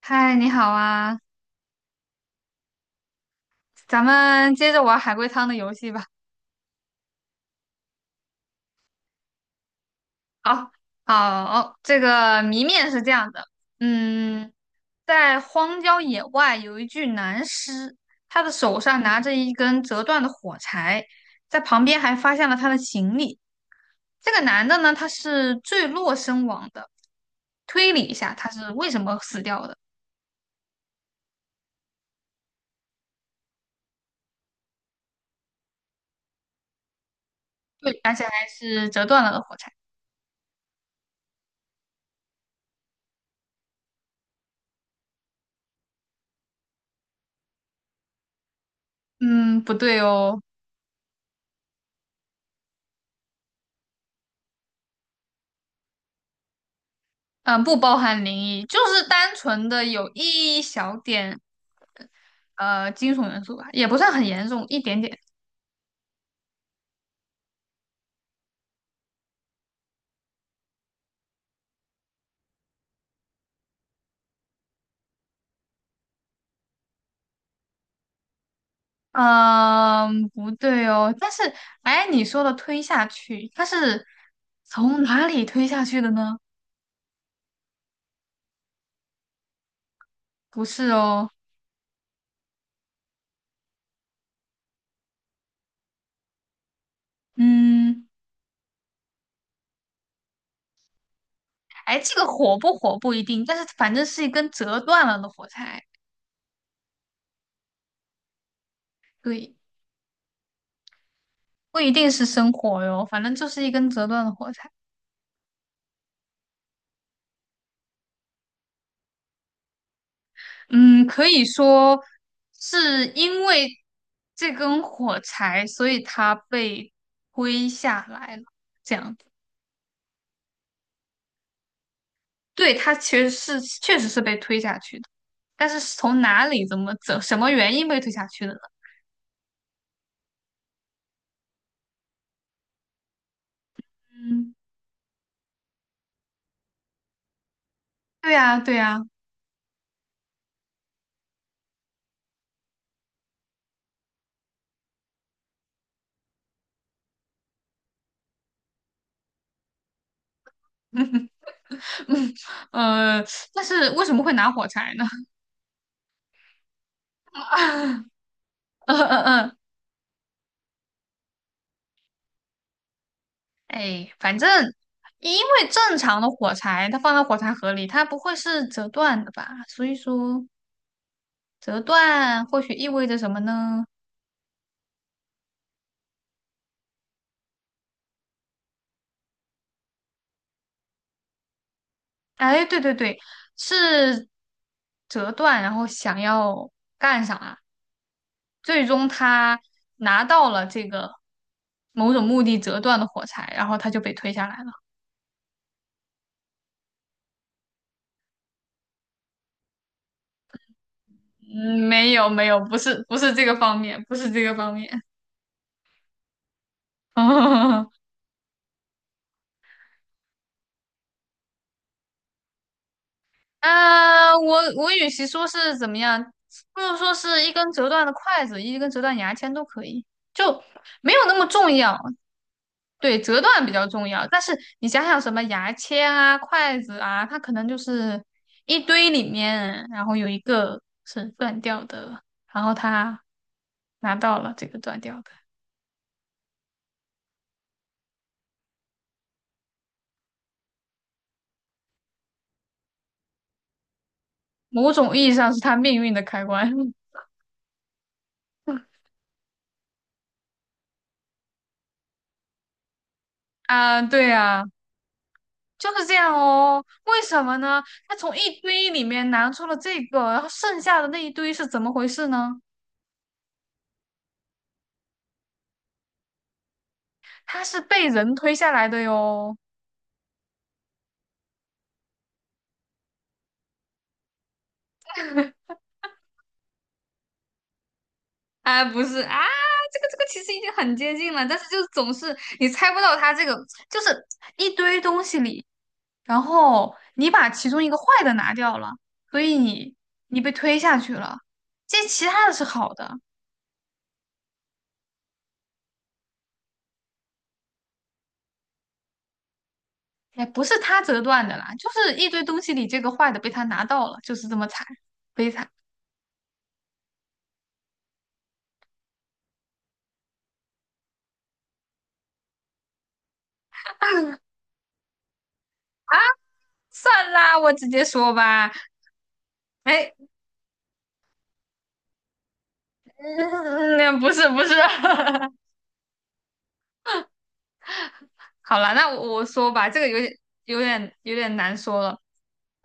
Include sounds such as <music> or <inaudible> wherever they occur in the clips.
嗨，你好啊，咱们接着玩海龟汤的游戏吧。好，好，这个谜面是这样的，嗯，在荒郊野外有一具男尸，他的手上拿着一根折断的火柴，在旁边还发现了他的行李。这个男的呢，他是坠落身亡的，推理一下他是为什么死掉的，对，而且还是折断了的火柴。嗯，不对哦，嗯，不包含灵异，就是单纯的有一小点。金属元素吧，也不算很严重，一点点。嗯，不对哦。但是，哎，你说的推下去，它是从哪里推下去的呢？不是哦。嗯，哎，这个火不火不一定，但是反正是一根折断了的火柴。对，不一定是生火哟，反正就是一根折断的火柴。嗯，可以说是因为这根火柴，所以它被推下来了，这样。对，他其实是确实是被推下去的，但是是从哪里、怎么、什么原因被推下去的呢？嗯，对呀，对呀，嗯呃，但是为什么会拿火柴呢？<laughs> 嗯嗯嗯，哎，反正因为正常的火柴，它放到火柴盒里，它不会是折断的吧？所以说折断或许意味着什么呢？哎，对对对，是折断，然后想要干啥？最终他拿到了这个某种目的折断的火柴，然后他就被推下来了。嗯，没有没有，不是不是这个方面，不是这个方面。<laughs> 啊，我与其说是怎么样，不如说是一根折断的筷子，一根折断牙签都可以，就没有那么重要。对，折断比较重要。但是你想想，什么牙签啊、筷子啊，它可能就是一堆里面，然后有一个是断掉的，然后他拿到了这个断掉的，某种意义上是他命运的开关。<laughs> 啊，对啊，就是这样哦。为什么呢？他从一堆里面拿出了这个，然后剩下的那一堆是怎么回事呢？它是被人推下来的哟。哎，不是啊，这个其实已经很接近了，但是就是总是你猜不到它这个，就是一堆东西里，然后你把其中一个坏的拿掉了，所以你被推下去了，这其他的是好的，也不是他折断的啦，就是一堆东西里这个坏的被他拿到了，就是这么惨，悲惨。算啦，我直接说吧，哎，嗯不是不是。<laughs> 好了，那我说吧，这个有点难说了。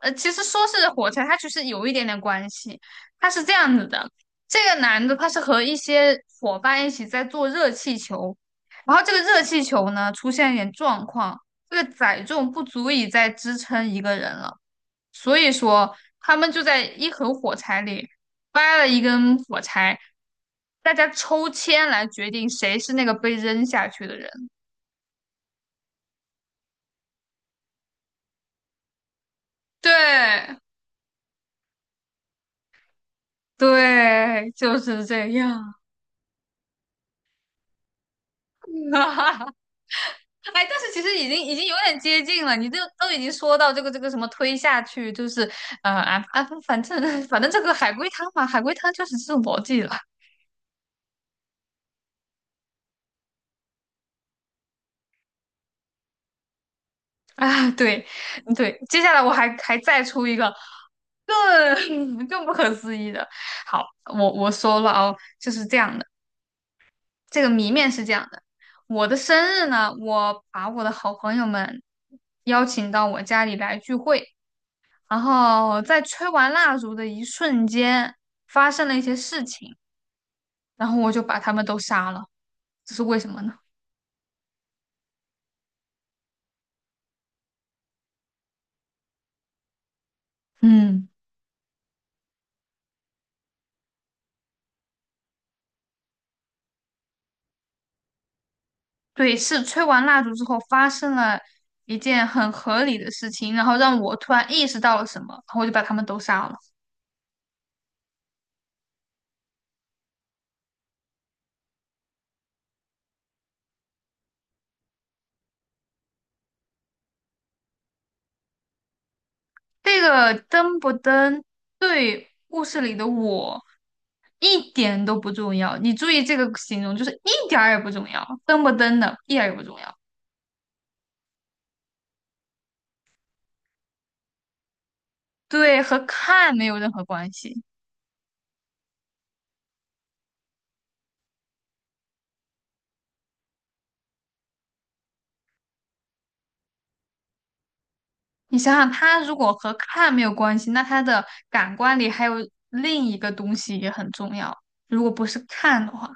其实说是火柴，它其实有一点点关系。它是这样子的，这个男的他是和一些伙伴一起在做热气球，然后这个热气球呢出现一点状况，这个载重不足以再支撑一个人了，所以说他们就在一盒火柴里掰了一根火柴，大家抽签来决定谁是那个被扔下去的人。对。对，就是这样。<laughs> 哎，但是其实已经有点接近了，你都已经说到这个什么推下去，就是反正这个海龟汤嘛，海龟汤就是这种逻辑了啊。对对，接下来我还再出一个更 <laughs> 更不可思议的。好，我说了哦，就是这样的，这个谜面是这样的。我的生日呢，我把我的好朋友们邀请到我家里来聚会。然后在吹完蜡烛的一瞬间，发生了一些事情，然后我就把他们都杀了。这是为什么呢？嗯，对，是吹完蜡烛之后发生了一件很合理的事情，然后让我突然意识到了什么，然后我就把他们都杀了。这个登不登对故事里的我一点都不重要。你注意这个形容，就是一点儿也不重要，登不登的一点儿也不重要，对，和看没有任何关系。你想想，它如果和看没有关系，那它的感官里还有另一个东西也很重要。如果不是看的话，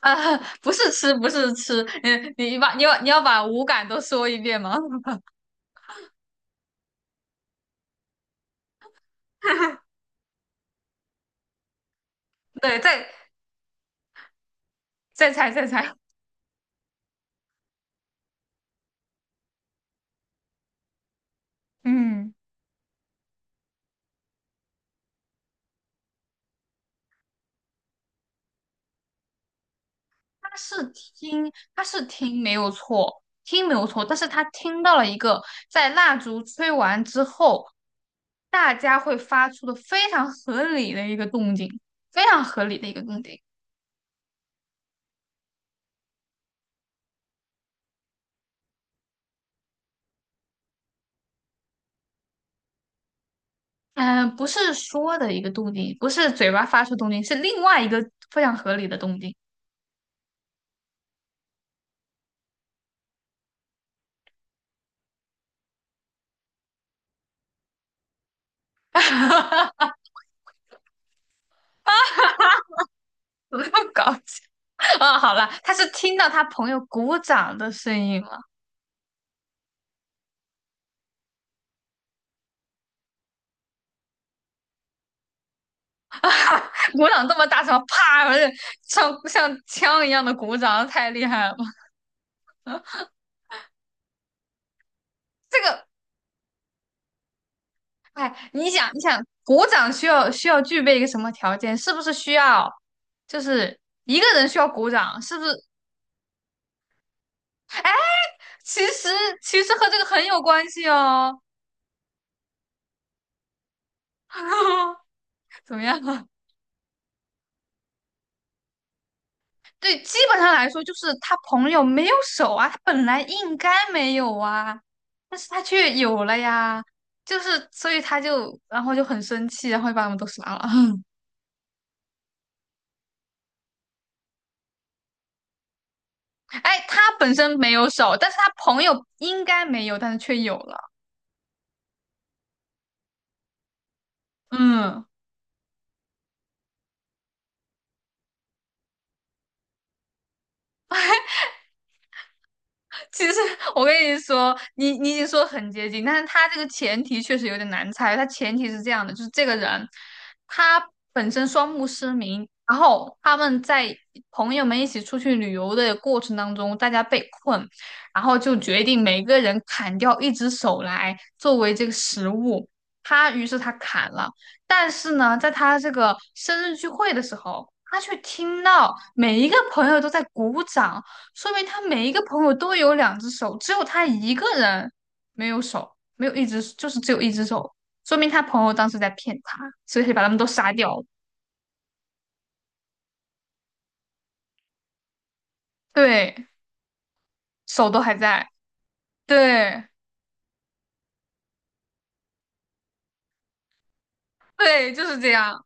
啊，<laughs> 不是吃，不是吃，你要把五感都说一遍吗？<laughs> 对，再猜再猜，嗯，他是他是听没有错，听没有错，但是他听到了一个在蜡烛吹完之后，大家会发出的非常合理的一个动静，非常合理的一个动静。嗯、不是说的一个动静，不是嘴巴发出动静，是另外一个非常合理的动静。<laughs> 怎么那么搞笑啊、好了，他是听到他朋友鼓掌的声音了，<laughs> 鼓掌这么大声，啪，不是，像枪一样的鼓掌，太厉害了吧。这个，哎，你想，鼓掌需要具备一个什么条件？是不是需要，就是一个人需要鼓掌？是不是？其实其实和这个很有关系哦。<laughs> 怎么样？对，基本上来说，就是他朋友没有手啊，他本来应该没有啊，但是他却有了呀，就是所以他就然后就很生气，然后就把他们都杀了。<laughs> 哎，他本身没有手，但是他朋友应该没有，但是却有了。嗯。<laughs> 其实我跟你说，你已经说很接近，但是他这个前提确实有点难猜。他前提是这样的，就是这个人他本身双目失明，然后他们在朋友们一起出去旅游的过程当中，大家被困，然后就决定每个人砍掉一只手来作为这个食物。于是他砍了，但是呢，在他这个生日聚会的时候，他却听到每一个朋友都在鼓掌。说明他每一个朋友都有两只手，只有他一个人没有手，没有一只，就是只有一只手，说明他朋友当时在骗他，所以他把他们都杀掉了。对，手都还在，对，对，就是这样，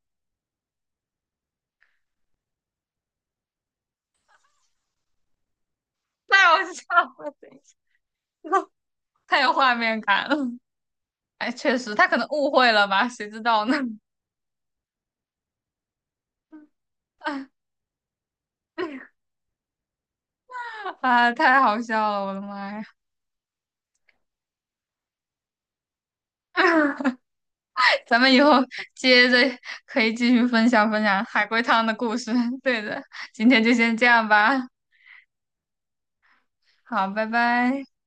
太好笑了，等一下 <laughs> 太有画面感了。哎，确实，他可能误会了吧，谁知道呢？<laughs> 啊，太好笑了，我的妈呀！<laughs> 咱们以后接着可以继续分享分享海龟汤的故事。<laughs> 对的，今天就先这样吧。好，拜拜。